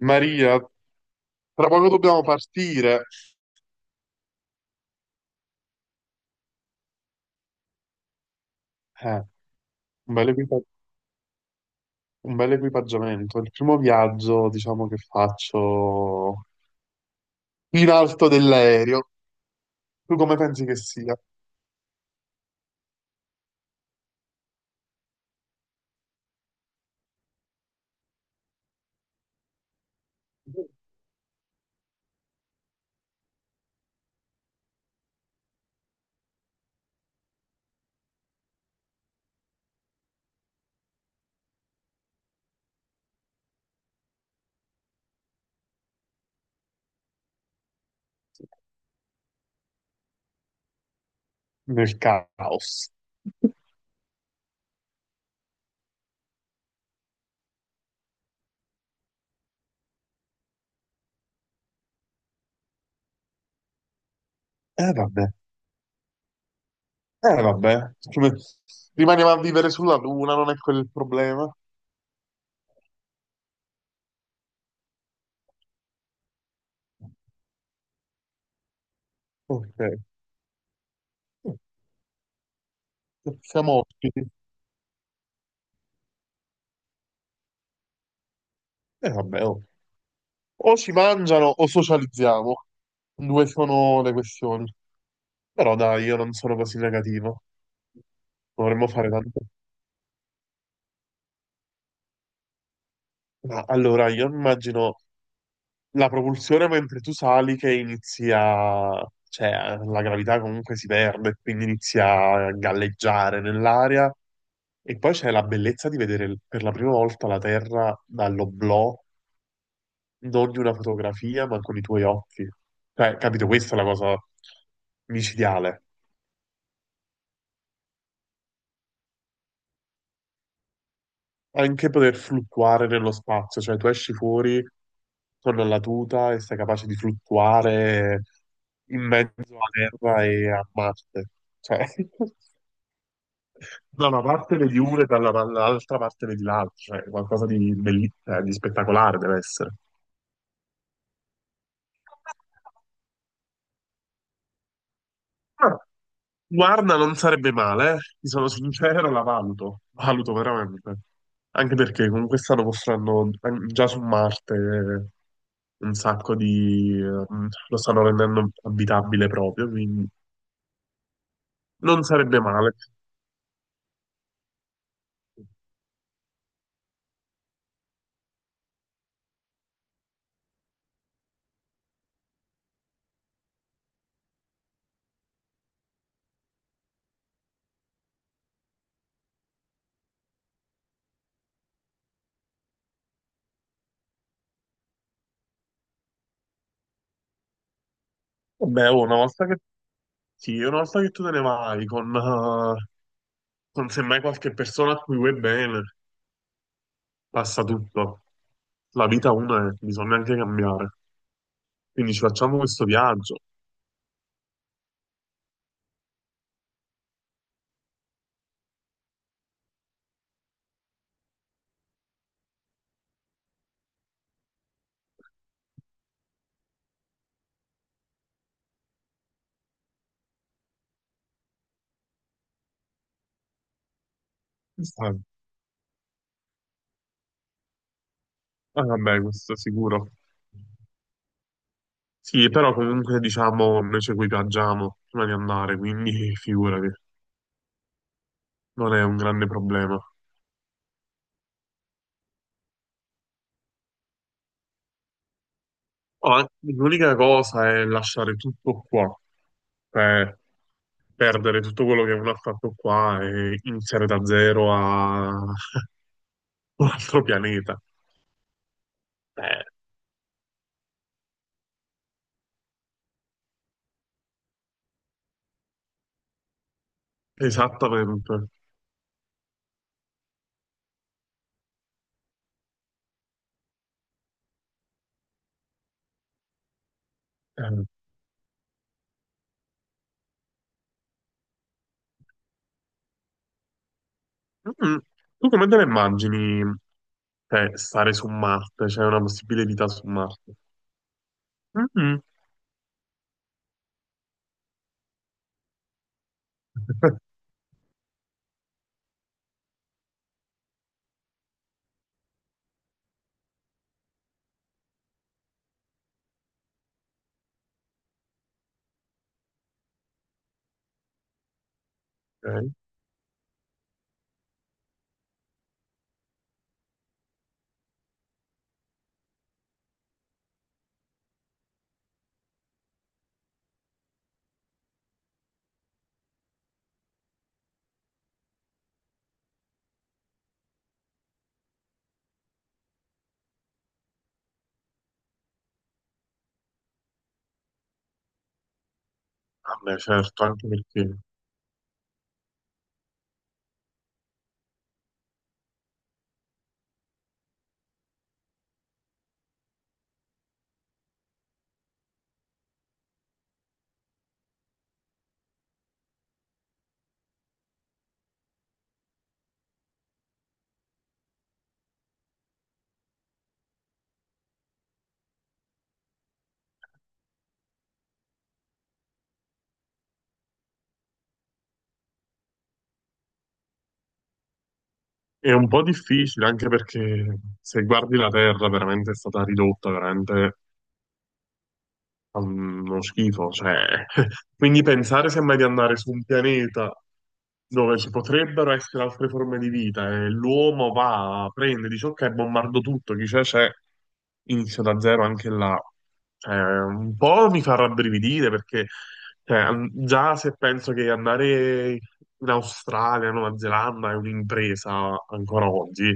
Maria, tra poco dobbiamo partire. Eh, un bel equipa- un bel equipaggiamento. Il primo viaggio, diciamo, che faccio in alto dell'aereo. Tu come pensi che sia? Nel caos. Eh vabbè, eh vabbè. Rimaniamo a vivere sulla Luna, non è quello il problema. Ok. Siamo ospiti. Eh vabbè, oh. O ci mangiano o socializziamo. Due sono le questioni. Però dai, io non sono così negativo. Dovremmo fare tanto. Ma allora, io immagino la propulsione mentre tu sali che inizia, cioè la gravità comunque si perde, quindi inizia a galleggiare nell'aria. E poi c'è la bellezza di vedere per la prima volta la Terra dall'oblò, non di una fotografia, ma con i tuoi occhi. Cioè, capito, questa è la cosa micidiale. Anche poter fluttuare nello spazio, cioè tu esci fuori con la tuta e sei capace di fluttuare in mezzo a Terra e a Marte. Cioè, da una parte vedi uno e dall'altra parte vedi l'altro, cioè qualcosa di spettacolare deve essere. Ah, guarda, non sarebbe male, eh. Ti sono sincero, la valuto, valuto veramente. Anche perché con quest'anno mostrando già su Marte un sacco di lo stanno rendendo abitabile proprio, quindi non sarebbe male. Vabbè, oh, una volta che, sì, una volta che tu te ne vai con semmai qualche persona a cui vuoi bene, passa tutto. La vita una è, bisogna anche cambiare. Quindi ci facciamo questo viaggio. Ah, vabbè, questo sicuro. Sì, però comunque diciamo noi ci equipaggiamo prima di andare, quindi figurati, non è un grande problema. Oh, l'unica cosa è lasciare tutto qua, cioè perdere tutto quello che uno ha fatto qua e iniziare da zero a un altro pianeta. Eh, esattamente. Eh, mm, Tu come te la immagini, cioè, stare su Marte? C'è una possibile vita su Marte? Mm-mm. Vabbè, certo, anche perché è un po' difficile, anche perché se guardi la Terra veramente è stata ridotta veramente. Uno schifo, cioè. Quindi pensare sembra di andare su un pianeta dove ci potrebbero essere altre forme di vita e l'uomo va, prende, dice ok, bombardo tutto, chi c'è c'è, inizio da zero anche là. Cioè, un po' mi fa rabbrividire perché, cioè, già se penso che andare in Australia, Nuova Zelanda è un'impresa ancora oggi,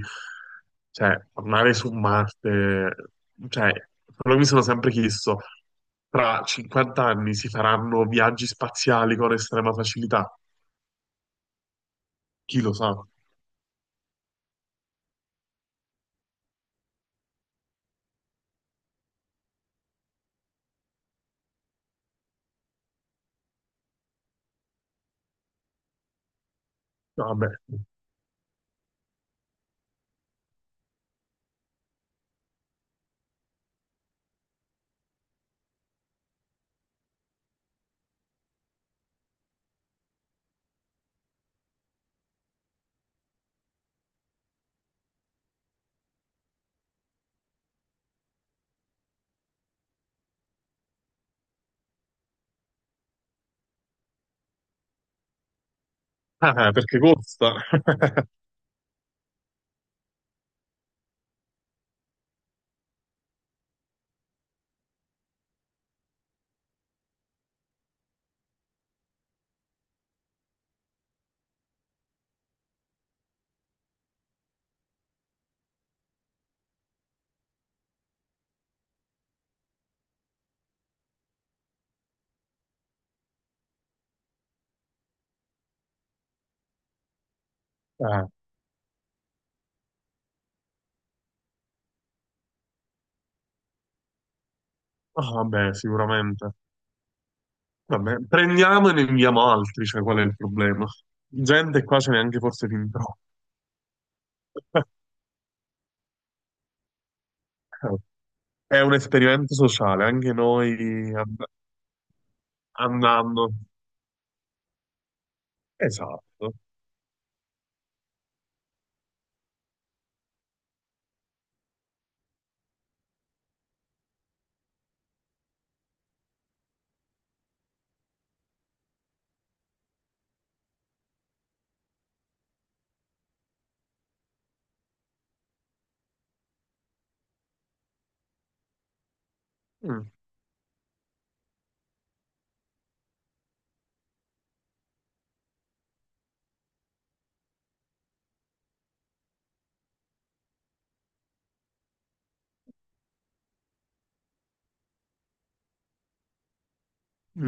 cioè, andare su Marte, cioè, però mi sono sempre chiesto, tra 50 anni si faranno viaggi spaziali con estrema facilità? Chi lo sa? No. Vabbè, ah, perché costa. Eh, ah, vabbè, sicuramente. Vabbè, prendiamo e ne inviamo altri, cioè qual è il problema? Gente qua ce n'è anche forse fin troppa. È un esperimento sociale, anche noi andando. Esatto. Mm.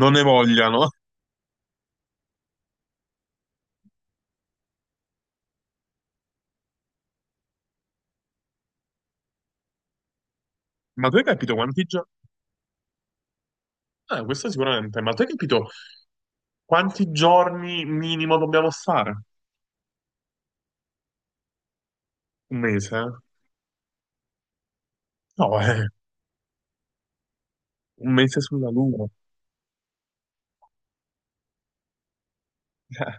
Non ne vogliano. Ma tu hai capito quanti giorni? Questo sicuramente, ma tu hai capito, quanti giorni minimo dobbiamo stare? Un mese? No, un mese sulla Luna. Eh,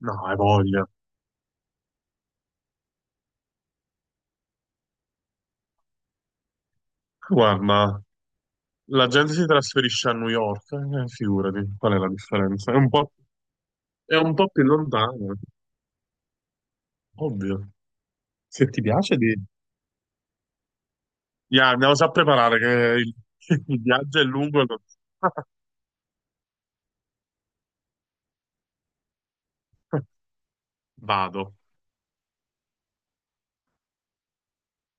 no, hai voglia. Guarda, la gente si trasferisce a New York, figurati, qual è la differenza? È un po' più lontano, ovvio. Se ti piace. Ya, andiamo già a preparare che il, il viaggio è lungo. Vado.